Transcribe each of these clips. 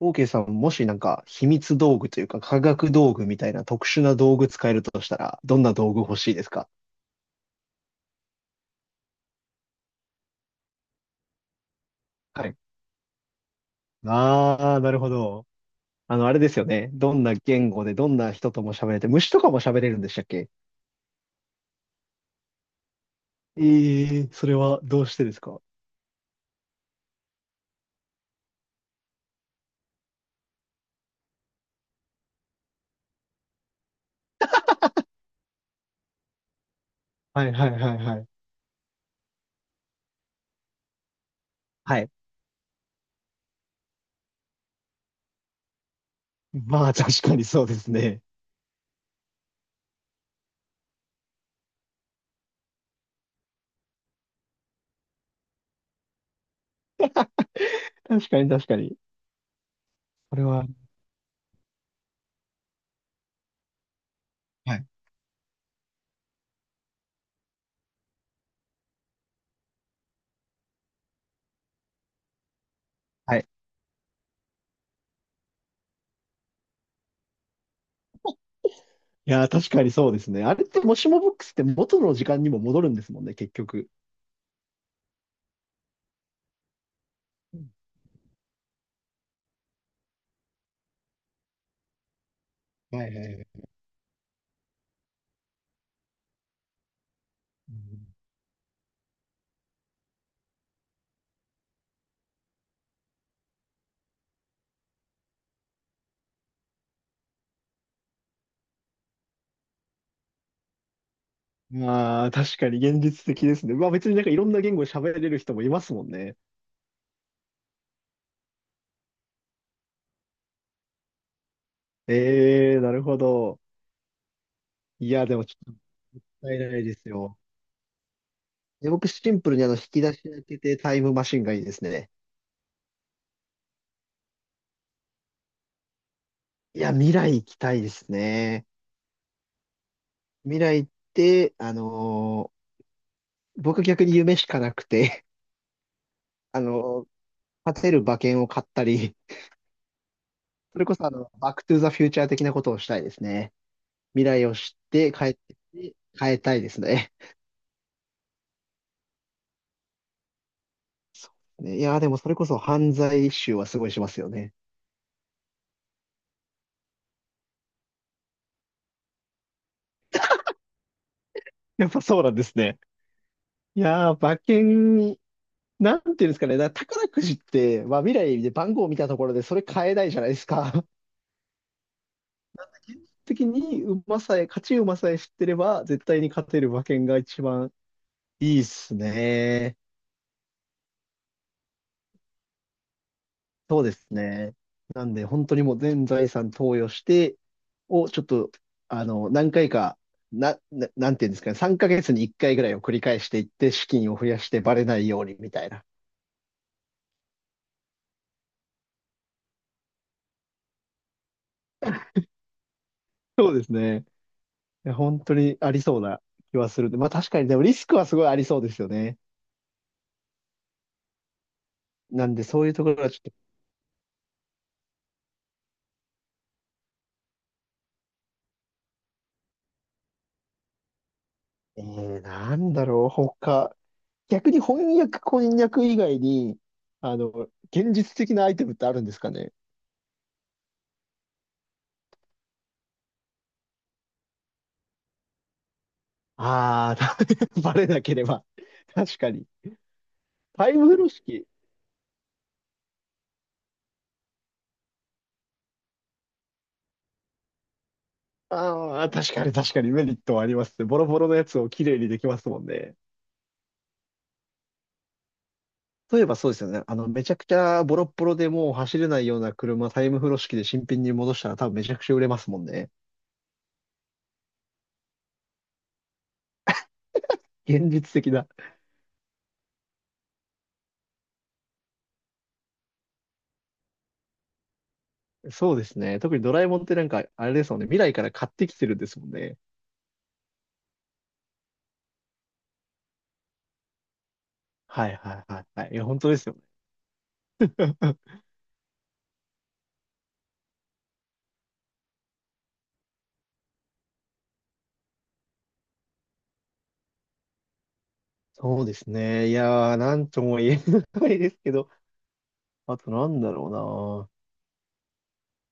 オーケーさん、もし秘密道具というか科学道具みたいな特殊な道具使えるとしたら、どんな道具欲しいですか？はい。ああ、なるほど。あれですよね。どんな言語でどんな人とも喋れて、虫とかも喋れるんでしたっけ？ええ、それはどうしてですか？はいはいはいはい。はい。まあ、確かにそうですね。確かに確かに。これは、はい。はい。いやー、確かにそうですね。あれって、もしもボックスって元の時間にも戻るんですもんね、結局。うん。はいはいはい。うん。まあ、確かに現実的ですね。まあ別にいろんな言語喋れる人もいますもんね。ええー、なるほど。いや、でもちょっともったいないですよ。で、僕シンプルに引き出し開けてタイムマシンがいいですね。いや、未来行きたいですね。未来って、僕逆に夢しかなくて、あのー勝てる馬券を買ったり、それこそバックトゥーザフューチャー的なことをしたいですね。未来を知って帰ってきて変えたいですね。ね、いやー、でもそれこそ犯罪集はすごいしますよね。やっぱそうなんですね。いやー、馬券、なんていうんですかね、だから宝くじって、まあ、未来で番号を見たところでそれ買えないじゃないですか。時に馬さえ、勝ち馬さえ知ってれば、絶対に勝てる馬券が一番いいっすね。そうですね。なんで、本当にもう全財産投与して、をちょっと、何回か、なんていうんですかね、3ヶ月に1回ぐらいを繰り返していって、資金を増やしてバレないようにみたいな。そうですね。いや、本当にありそうな気はするんで。まあ確かに、でもリスクはすごいありそうですよね。なんでそういうところはちょっと、なんだろう、他。逆に翻訳、こんにゃく以外に、あの、現実的なアイテムってあるんですかね。ああ、バレなければ。確かに。タイム風呂敷。ああ、確かに確かにメリットはありますね。ボロボロのやつをきれいにできますもんね。例えばそうですよね。めちゃくちゃボロッボロでもう走れないような車、タイム風呂式で新品に戻したら多分めちゃくちゃ売れますもんね。現実的だ。そうですね。特にドラえもんって、あれですもんね。未来から買ってきてるんですもんね。はいはいはいはい。いや、本当ですよね。そうですね。いやー、なんとも言えないですけど、あとなんだろ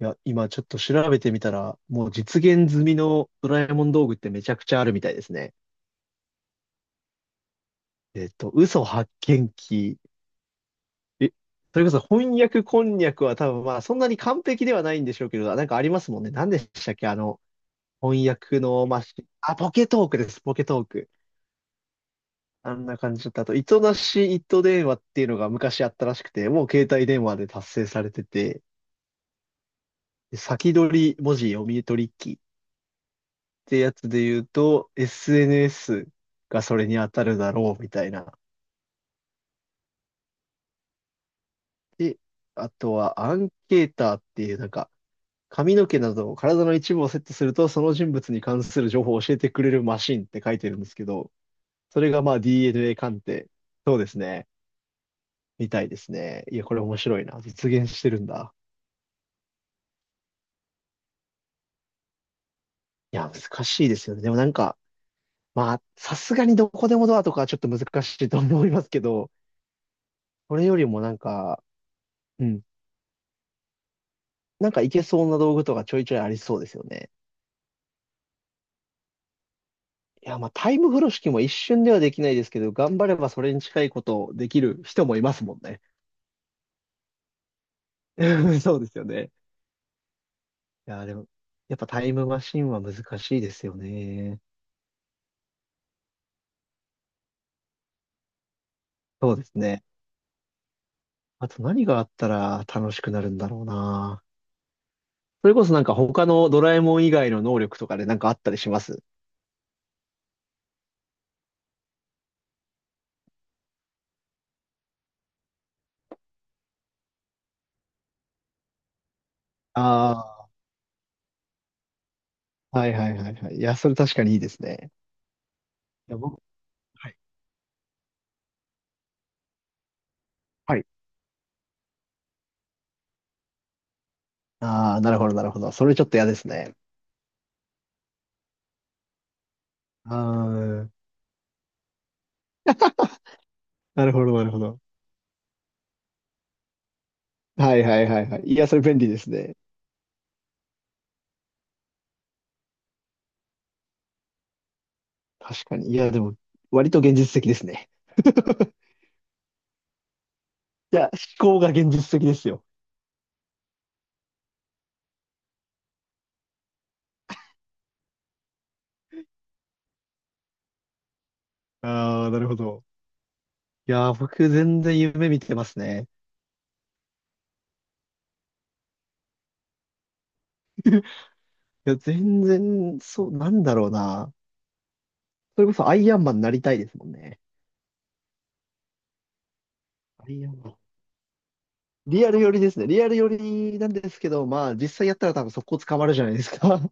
うな。いや、今ちょっと調べてみたら、もう実現済みのドラえもん道具ってめちゃくちゃあるみたいですね。えっと、嘘発見器、え、それこそ翻訳こんにゃくは多分まあそんなに完璧ではないんでしょうけど、ありますもんね。何でしたっけ翻訳のマシン。あ、ポケトークです、ポケトーク。あんな感じだったあと、糸なし糸電話っていうのが昔あったらしくて、もう携帯電話で達成されてて、で先取り文字読み取り機ってやつで言うと、SNS がそれに当たるだろうみたいな。で、あとはアンケーターっていう髪の毛など体の一部をセットすると、その人物に関する情報を教えてくれるマシンって書いてるんですけど、それがまあ DNA 鑑定。そうですね。みたいですね。いや、これ面白いな。実現してるんだ。いや、難しいですよね。でもまあ、さすがにどこでもドアとかはちょっと難しいと思いますけど、これよりもうん。いけそうな道具とかちょいちょいありそうですよね。いや、まあ、タイム風呂敷も一瞬ではできないですけど、頑張ればそれに近いことできる人もいますもんね。そうですよね。いやー、でも、やっぱタイムマシンは難しいですよね。そうですね。あと何があったら楽しくなるんだろうな。それこそ他のドラえもん以外の能力とかであったりします？ああー、はいはいはいはい。いや、それ確かにいいですね。いや、僕、はい。はい。ああ、なるほどなるほど。それちょっと嫌ですね。ああ、なるほどなるほど。はいはいはいはい。いや、それ便利ですね。確かに。いや、でも、割と現実的ですね。いや、思考が現実的ですよ。ああ、なるほど。いやー、僕全然夢見てますね。いや、全然、そう、なんだろうな。それこそアイアンマンになりたいですもんね。アイアンマン。リアル寄りですね。リアル寄りなんですけど、まあ、実際やったら多分速攻捕まるじゃないですか。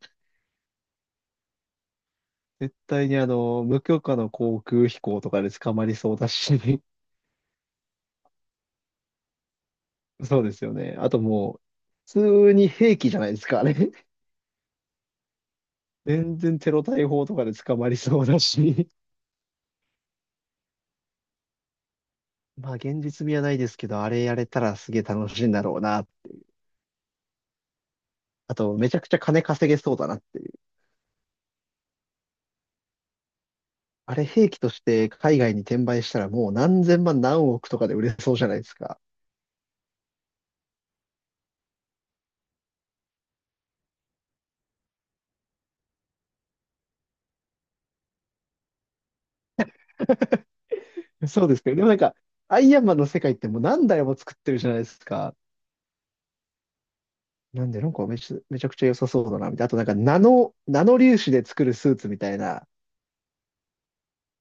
絶対に無許可の航空飛行とかで捕まりそうだし。そうですよね。あともう、普通に兵器じゃないですか、あれ。全然テロ対法とかで捕まりそうだし。まあ、現実味はないですけど、あれやれたらすげえ楽しいんだろうな。あと、めちゃくちゃ金稼げそうだなっていう。あれ、兵器として海外に転売したらもう何千万何億とかで売れそうじゃないですか。そうですけど、でもアイアンマンの世界ってもう何台も作ってるじゃないですか。なんで、めちゃくちゃ良さそうだな、みたいな。あとナノ粒子で作るスーツみたいな。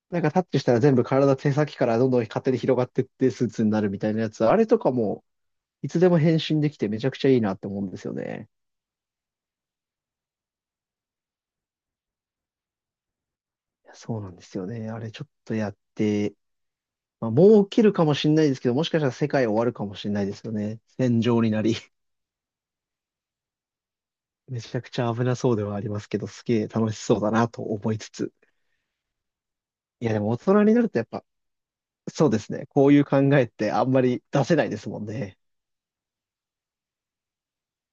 タッチしたら全部体手先からどんどん勝手に広がってってスーツになるみたいなやつ。あれとかも、いつでも変身できてめちゃくちゃいいなって思うんですよね。いやそうなんですよね。あれちょっとやって、まあ、もう起きるかもしれないですけど、もしかしたら世界終わるかもしれないですよね。戦場になり。めちゃくちゃ危なそうではありますけど、すげえ楽しそうだなと思いつつ。いや、でも大人になるとやっぱ、そうですね。こういう考えってあんまり出せないですもんね。